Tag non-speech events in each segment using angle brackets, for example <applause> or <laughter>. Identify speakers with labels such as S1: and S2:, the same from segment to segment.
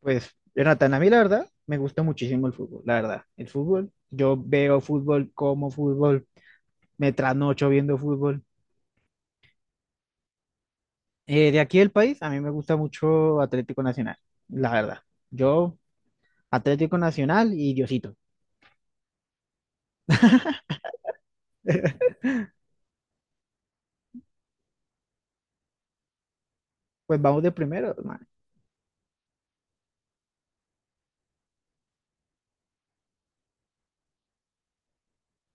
S1: Pues, Jonathan, a mí la verdad me gusta muchísimo el fútbol, la verdad. El fútbol, yo veo fútbol, como fútbol, me trasnocho viendo fútbol. De aquí del país, a mí me gusta mucho Atlético Nacional, la verdad. Yo, Atlético Nacional y Diosito. <laughs> Pues vamos de primero, man.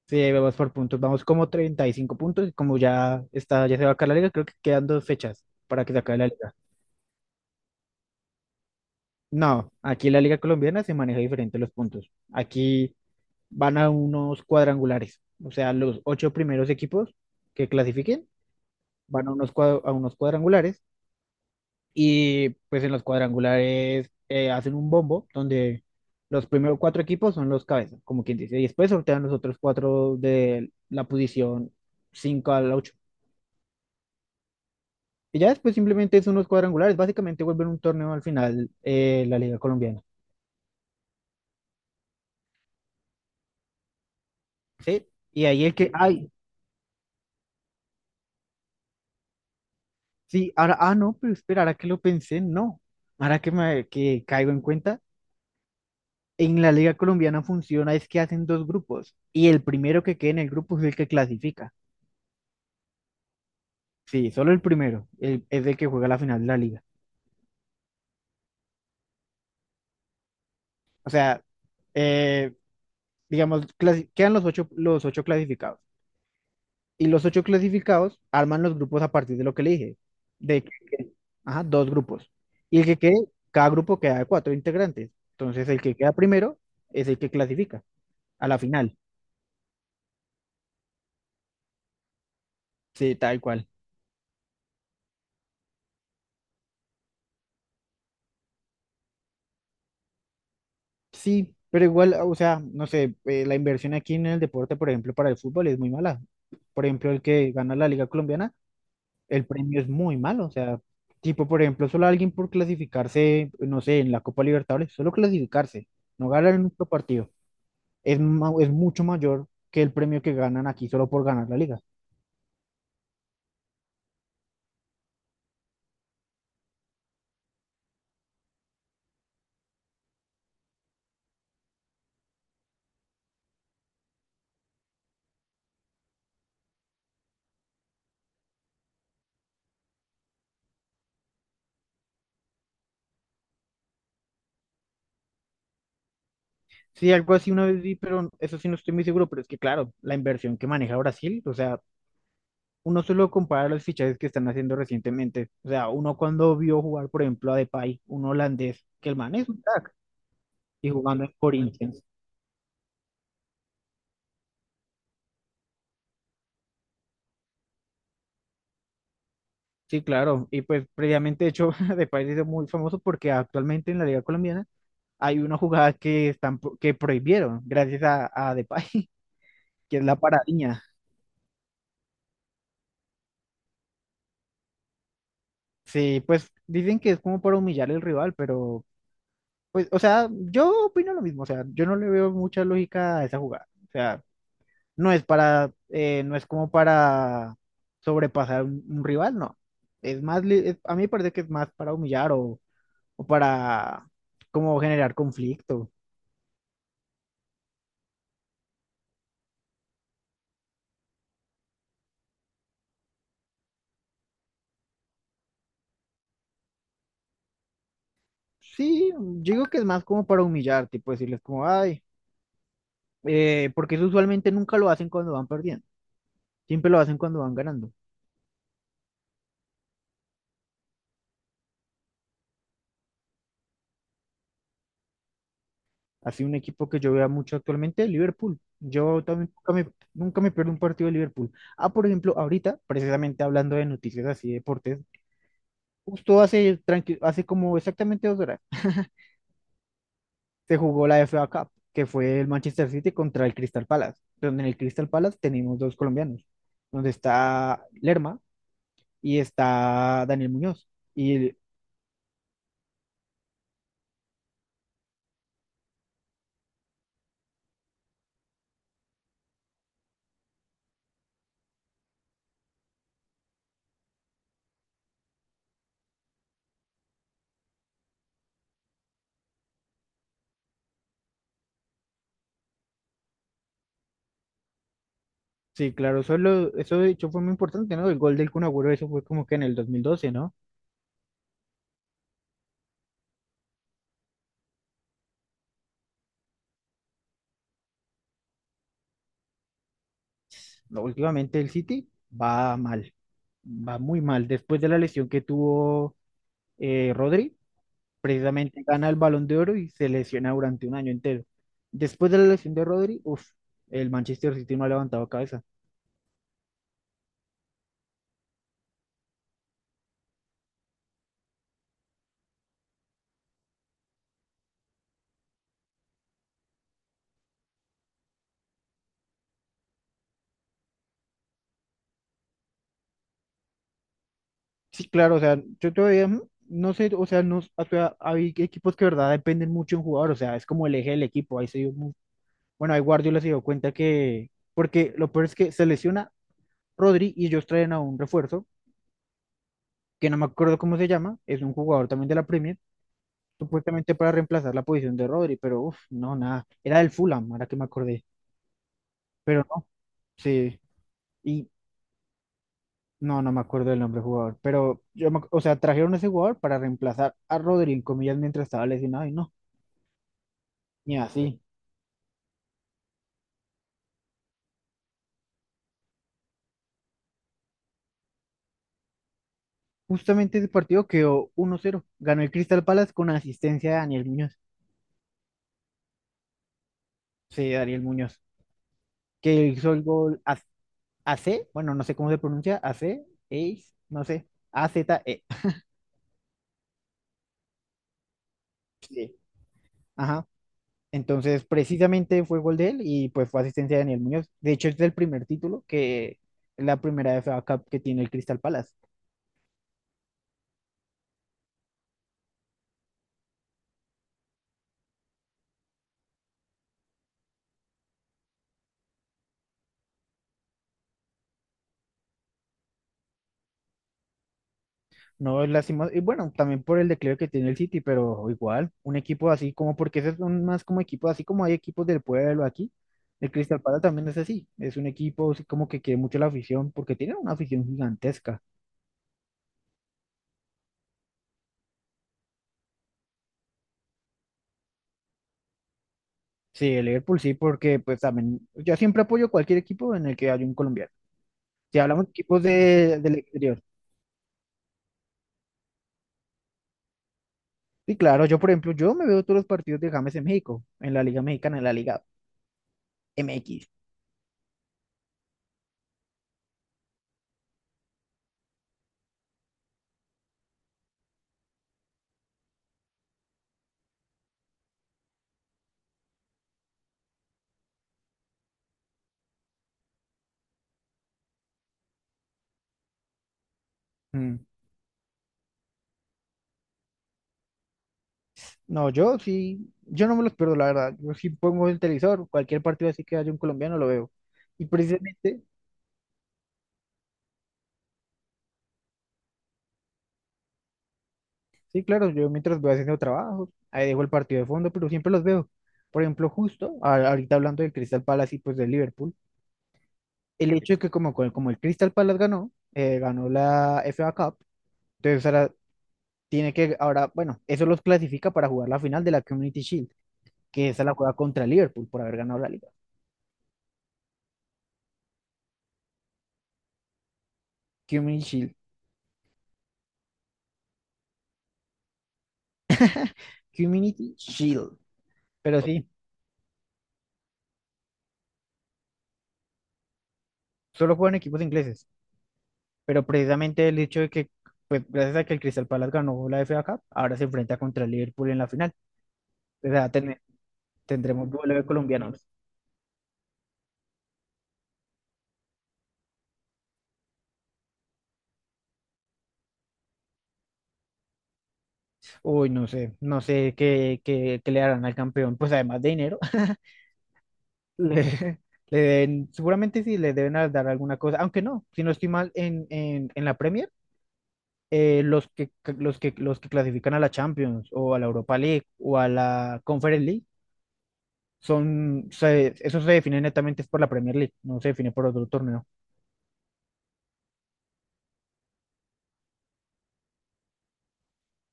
S1: Sí, vamos por puntos, vamos como 35 puntos, y como ya está, ya se va a acabar la liga, creo que quedan dos fechas para que se acabe la liga. No, aquí la liga colombiana se maneja diferente los puntos. Aquí van a unos cuadrangulares. O sea, los ocho primeros equipos que clasifiquen van a a unos cuadrangulares, y pues en los cuadrangulares hacen un bombo donde los primeros cuatro equipos son los cabezas, como quien dice, y después sortean los otros cuatro de la posición 5 al ocho. Y ya después simplemente son unos cuadrangulares, básicamente vuelven un torneo al final, la Liga Colombiana. Sí, y ahí el que, ay, sí, ahora, ah, no, pero espera, ahora que lo pensé, no, ahora que me que caigo en cuenta. En la liga colombiana funciona es que hacen dos grupos y el primero que quede en el grupo es el que clasifica. Sí, solo el primero, es el que juega la final de la liga. O sea, eh, digamos, quedan los ocho clasificados, y los ocho clasificados arman los grupos a partir de lo que le dije, de que- ajá, dos grupos. Y el que quede, cada grupo queda de cuatro integrantes. Entonces, el que queda primero es el que clasifica a la final. Sí, tal cual. Sí, pero igual, o sea, no sé, la inversión aquí en el deporte, por ejemplo, para el fútbol es muy mala. Por ejemplo, el que gana la Liga Colombiana, el premio es muy malo. O sea, tipo, por ejemplo, solo alguien por clasificarse, no sé, en la Copa Libertadores, solo clasificarse, no ganar en otro partido, es mucho mayor que el premio que ganan aquí solo por ganar la liga. Sí, algo así una vez vi, pero eso sí no estoy muy seguro, pero es que claro, la inversión que maneja Brasil, o sea, uno solo compara los fichajes que están haciendo recientemente. O sea, uno cuando vio jugar, por ejemplo, a Depay, un holandés, que el man es un crack, y jugando en Corinthians. Sí, claro. Y pues previamente, de hecho, <laughs> Depay se hizo muy famoso porque actualmente en la Liga Colombiana hay una jugada que prohibieron gracias a Depay, <laughs> que es la paradiña. Sí, pues dicen que es como para humillar al rival, pero pues, o sea, yo opino lo mismo. O sea, yo no le veo mucha lógica a esa jugada. O sea, no es como para sobrepasar un rival, no. Es más, a mí me parece que es más para humillar, o para como generar conflicto. Sí, yo digo que es más como para humillar, tipo decirles como, ay, porque eso usualmente nunca lo hacen cuando van perdiendo, siempre lo hacen cuando van ganando. Así un equipo que yo veo mucho actualmente, Liverpool. Yo también nunca me pierdo un partido de Liverpool. Ah, por ejemplo, ahorita, precisamente hablando de noticias así, de deportes, justo hace, como exactamente 2 horas se jugó la FA Cup, que fue el Manchester City contra el Crystal Palace, donde en el Crystal Palace tenemos dos colombianos, donde está Lerma y está Daniel Muñoz. Y sí, claro, eso es lo eso de hecho fue muy importante, ¿no? El gol del Kun Agüero, eso fue como que en el 2012, ¿no? No, últimamente el City va mal, va muy mal. Después de la lesión que tuvo, Rodri, precisamente gana el Balón de Oro y se lesiona durante un año entero. Después de la lesión de Rodri, uf, el Manchester City no ha levantado cabeza. Sí, claro, o sea, yo todavía no sé, o sea, no, o sea, hay equipos que de verdad dependen mucho de un jugador, o sea, es como el eje del equipo. Ahí se dio, mu- bueno, ahí Guardiola se dio cuenta que, porque lo peor es que se lesiona Rodri y ellos traen a un refuerzo, que no me acuerdo cómo se llama, es un jugador también de la Premier, supuestamente para reemplazar la posición de Rodri, pero uff, no, nada, era del Fulham, ahora que me acordé, pero no, sí. Y no, no me acuerdo del nombre del jugador, pero o sea, trajeron a ese jugador para reemplazar a Rodri, en comillas, mientras estaba lesionado y no, ni así. Justamente ese partido quedó 1-0, ganó el Crystal Palace con asistencia de Daniel Muñoz, sí, Daniel Muñoz, que hizo el gol AC, bueno, no sé cómo se pronuncia, AC, Ace, no sé, a z e <laughs> Sí. Ajá. Entonces, precisamente fue gol de él y pues fue asistencia de Daniel Muñoz. De hecho, es el primer título, que es la primera FA Cup que tiene el Crystal Palace. No, es lástima. Y bueno, también por el declive que tiene el City, pero igual, un equipo así como, porque ese es más como equipo, así como hay equipos del pueblo aquí, el Crystal Palace también es así. Es un equipo así como que quiere mucho la afición, porque tiene una afición gigantesca. Sí, el Liverpool sí, porque pues también, yo siempre apoyo cualquier equipo en el que haya un colombiano. Si hablamos de equipos del exterior. Sí, claro, yo por ejemplo, yo me veo todos los partidos de James en México, en la Liga Mexicana, en la Liga MX. No, yo sí, yo no me los pierdo, la verdad. Yo sí pongo el televisor, cualquier partido así que haya un colombiano lo veo. Y precisamente, sí, claro, yo mientras voy haciendo trabajos, ahí dejo el partido de fondo, pero siempre los veo. Por ejemplo, justo ahorita hablando del Crystal Palace y pues del Liverpool, el hecho de que como el Crystal Palace ganó la FA Cup, entonces ahora, bueno, eso los clasifica para jugar la final de la Community Shield, que esa la juega contra el Liverpool por haber ganado la liga. Community Shield, Community Shield, pero sí. Solo juegan equipos ingleses, pero precisamente el hecho de que, pues, gracias a que el Crystal Palace ganó la FA Cup, ahora se enfrenta contra el Liverpool en la final. O sea, tendremos duelo de colombianos. Uy, no sé qué le darán al campeón, pues además de dinero, <laughs> le, seguramente sí le deben dar alguna cosa, aunque no, si no estoy mal, en, la Premier. eh, los que, los que clasifican a la Champions o a la Europa League o a la Conference League eso se define netamente es por la Premier League, no se define por otro torneo.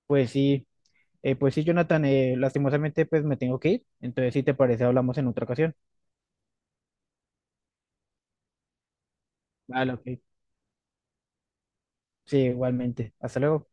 S1: Pues sí, pues sí, Jonathan, lastimosamente pues me tengo que ir, entonces si te parece hablamos en otra ocasión. Vale, ok. Sí, igualmente. Hasta luego.